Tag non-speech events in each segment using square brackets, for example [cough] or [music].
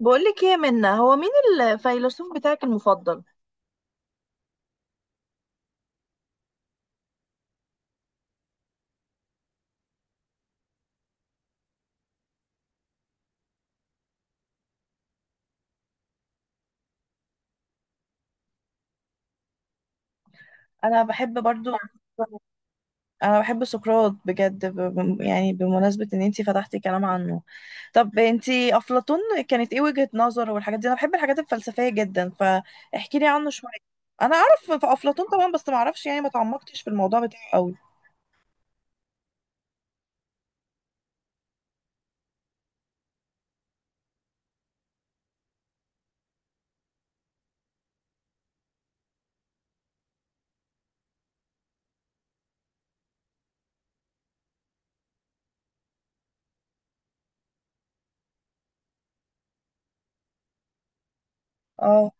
بقولك ايه، منا هو مين الفيلسوف بتاعك المفضل؟ انا بحب برضو. انا بحب سقراط بجد، يعني بمناسبة ان انتي فتحتي كلام عنه. طب انتي افلاطون، كانت ايه وجهة نظره والحاجات دي؟ انا بحب الحاجات الفلسفية جدا، فاحكي لي عنه شوية. انا اعرف في افلاطون طبعا، بس ما اعرفش، يعني ما تعمقتش في الموضوع بتاعه قوي. اه.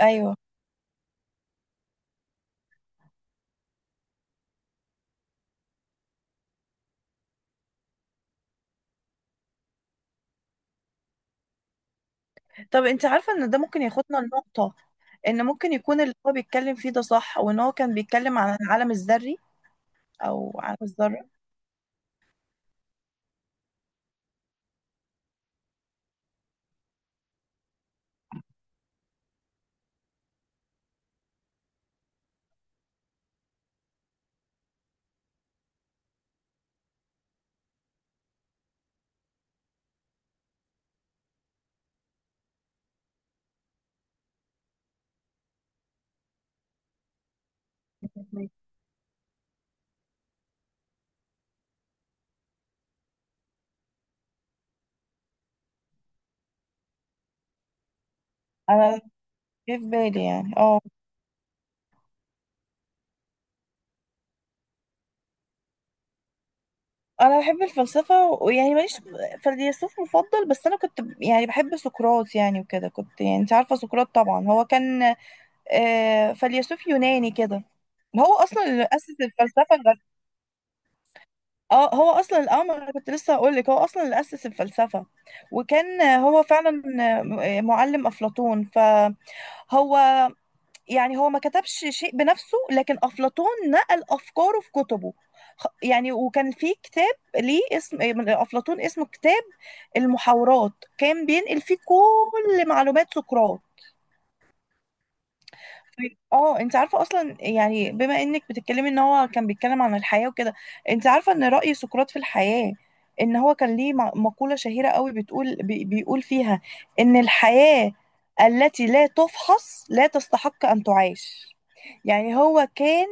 ايوه. طب انت عارفه ان ده ممكن ياخدنا لنقطه، ان ممكن يكون اللي هو بيتكلم فيه ده صح، وان هو كان بيتكلم عن العالم الذري او عالم الذره. انا جه في بالي، يعني اه، انا بحب الفلسفه، ويعني ماليش فيلسوف مفضل، بس انا كنت، يعني بحب سقراط. يعني وكده، كنت يعني، انت عارفه سقراط طبعا، هو كان فيلسوف يوناني كده. هو اصلا اللي اسس الفلسفه اه، هو اصلا، ما انا كنت لسه هقول لك، هو اصلا اللي اسس الفلسفه، وكان، هو فعلا، معلم افلاطون. فهو يعني هو ما كتبش شيء بنفسه، لكن أفلاطون نقل أفكاره في كتبه. يعني وكان في كتاب ليه اسم إيه، من أفلاطون، اسمه كتاب المحاورات، كان بينقل فيه كل معلومات سقراط. اه، انت عارفه اصلا، يعني بما انك بتتكلمي ان هو كان بيتكلم عن الحياه وكده، انت عارفه ان راي سقراط في الحياه؟ ان هو كان ليه مقوله شهيره قوي، بتقول، بيقول فيها ان الحياه التي لا تفحص لا تستحق ان تعاش. يعني هو كان،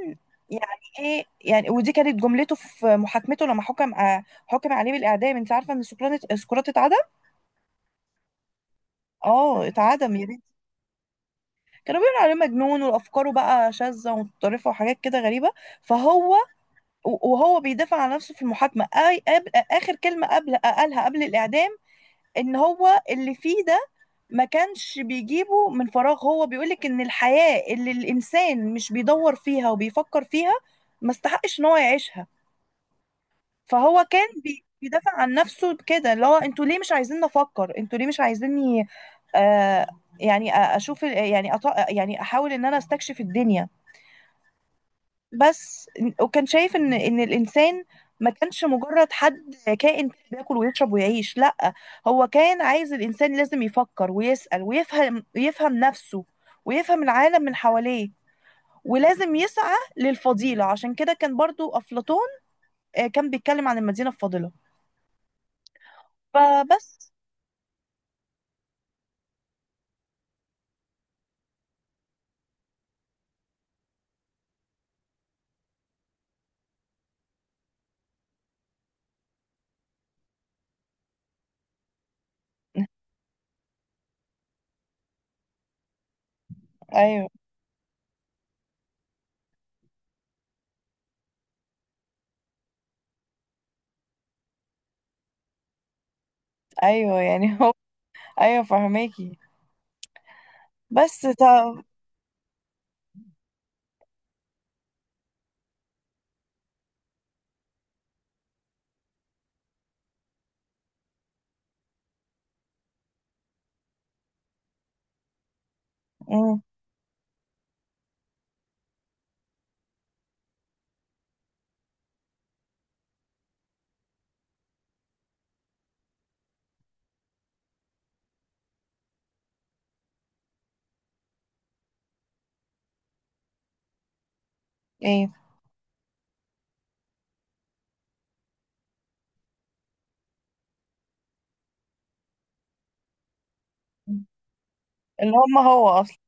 يعني ايه يعني، ودي كانت جملته في محاكمته لما حكم عليه بالاعدام. انت عارفه ان سقراط اتعدم؟ اه، اتعدم. كانوا بيقولوا عليه مجنون، وافكاره بقى شاذه ومتطرفه وحاجات كده غريبه. فهو وهو بيدافع عن نفسه في المحاكمه، آي قبل اخر كلمه قبل قالها قبل الاعدام، ان هو اللي فيه ده ما كانش بيجيبه من فراغ، هو بيقولك ان الحياه اللي الانسان مش بيدور فيها وبيفكر فيها، ما استحقش ان هو يعيشها. فهو كان بيدافع عن نفسه كده، اللي هو انتوا ليه مش عايزين نفكر، انتوا ليه مش عايزيني، آه يعني، اشوف يعني، يعني احاول ان انا استكشف الدنيا بس. وكان شايف ان الانسان ما كانش مجرد حد كائن بياكل ويشرب ويعيش، لا، هو كان عايز الانسان لازم يفكر ويسأل ويفهم، يفهم نفسه ويفهم العالم من حواليه. ولازم يسعى للفضيلة، عشان كده كان برضو أفلاطون كان بيتكلم عن المدينة الفاضلة. فبس. ايوه. ايوه، يعني هو. [laughs] ايوه فهماكي. بس طب. مم. ايه، اللي هم هو اصلا.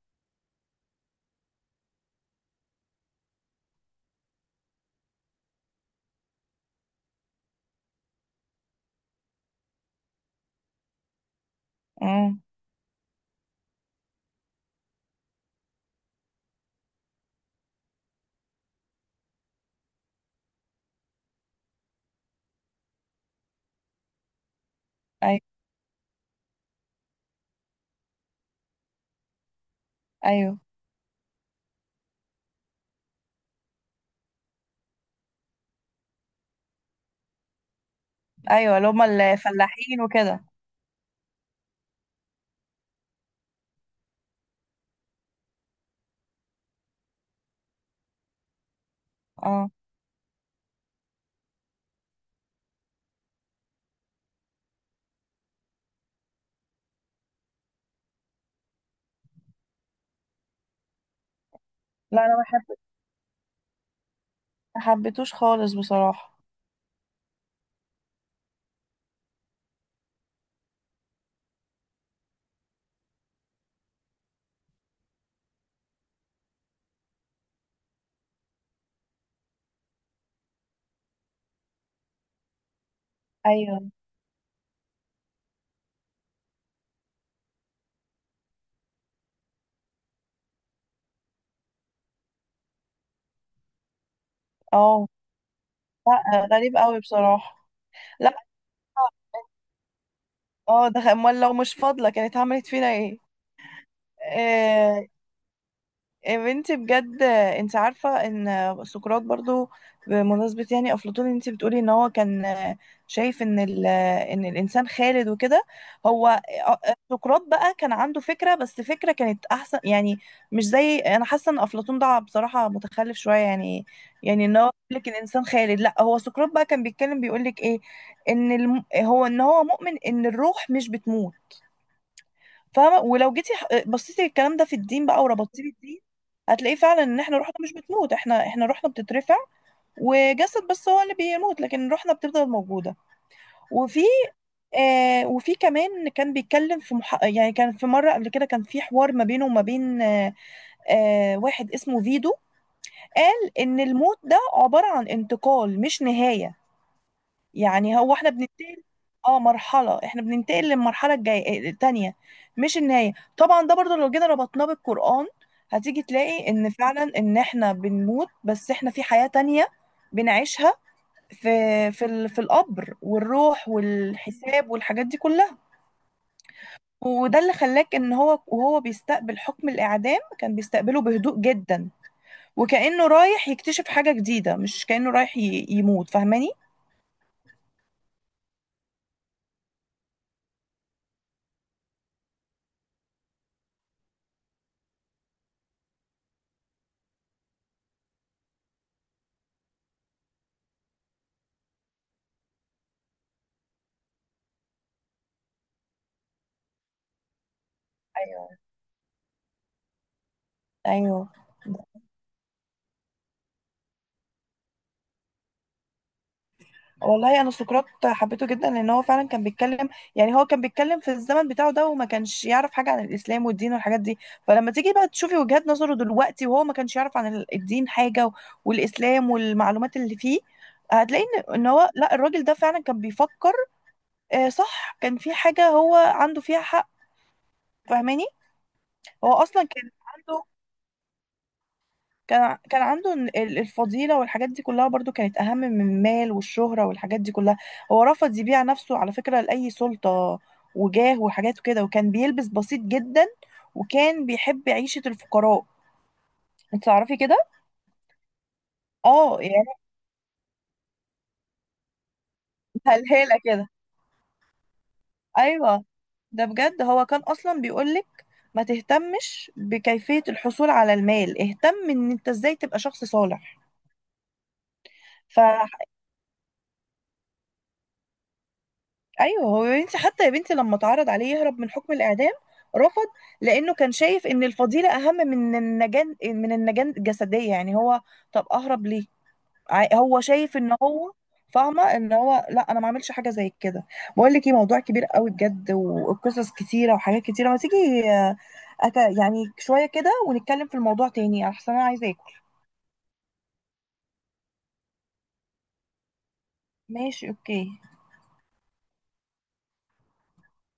مم. ايوه. ايوه. ايوه، اللي هما الفلاحين وكده. اه. لا، انا ما حبيتوش خالص بصراحه. ايوه. اه. لا، غريب قوي بصراحه. لا. اه. ده امال لو مش فاضله كانت عملت فينا ايه؟ آه. يا بنتي بجد، انت عارفة ان سقراط برضو، بمناسبة يعني افلاطون، انت بتقولي ان هو كان شايف ان الانسان خالد وكده. هو سقراط بقى كان عنده فكرة، بس فكرة كانت احسن يعني، مش زي، انا حاسة ان افلاطون ده بصراحة متخلف شوية يعني. يعني ان هو بيقول لك الانسان خالد، لا، هو سقراط بقى كان بيتكلم، بيقول لك ايه، ان هو ان هو مؤمن ان الروح مش بتموت. فاهمه؟ ولو جيتي بصيتي الكلام ده في الدين بقى، وربطتيه بالدين، هتلاقيه فعلا ان احنا روحنا مش بتموت، احنا روحنا بتترفع، وجسد بس هو اللي بيموت، لكن روحنا بتفضل موجوده. وفي، وفي كمان كان بيتكلم في يعني، كان في مرة قبل كده كان في حوار ما بينه وما بين، واحد اسمه فيدو، قال إن الموت ده عبارة عن انتقال مش نهاية، يعني هو احنا بننتقل. اه، مرحلة، احنا بننتقل للمرحلة الجاية، التانية، مش النهاية طبعا. ده برضو لو جينا ربطناه بالقرآن، هتيجي تلاقي ان فعلا ان احنا بنموت، بس احنا في حياة تانية بنعيشها، في، في القبر والروح والحساب والحاجات دي كلها. وده اللي خلاك، ان هو وهو بيستقبل حكم الاعدام، كان بيستقبله بهدوء جدا، وكأنه رايح يكتشف حاجة جديدة مش كأنه يموت. فاهماني؟ ايوه. ايوه. والله انا سقراط حبيته جدا، لان هو فعلا كان بيتكلم، يعني هو كان بيتكلم في الزمن بتاعه ده، وما كانش يعرف حاجه عن الاسلام والدين والحاجات دي. فلما تيجي بقى تشوفي وجهات نظره دلوقتي، وهو ما كانش يعرف عن الدين حاجه، والاسلام والمعلومات اللي فيه، هتلاقي ان هو، لا، الراجل ده فعلا كان بيفكر، صح، كان في حاجه هو عنده فيها حق. فاهماني؟ هو اصلا كان عنده، كان عنده الفضيلة، والحاجات دي كلها برضو كانت أهم من المال والشهرة والحاجات دي كلها. هو رفض يبيع نفسه على فكرة لأي سلطة وجاه وحاجات كده، وكان بيلبس بسيط جدا، وكان بيحب عيشة الفقراء. انت تعرفي كده؟ اه، يعني. [laughs] هلهالة كده. ايوه. ده بجد، هو كان اصلا بيقولك ما تهتمش بكيفية الحصول على المال، اهتم ان انت ازاي تبقى شخص صالح. فحقيقي. ايوه، هو يا بنتي، حتى يا بنتي لما اتعرض عليه يهرب من حكم الاعدام رفض، لانه كان شايف ان الفضيله اهم من النجان الجسديه، يعني هو، طب اهرب ليه؟ هو شايف ان هو، فاهمه، ان هو، لا، انا ما اعملش حاجه زي كده. بقول لك ايه، موضوع كبير قوي بجد، وقصص كتيره وحاجات كتيره، ما تيجي آه، يعني شويه كده، ونتكلم في الموضوع تاني احسن، انا عايزه اكل. ماشي، اوكي.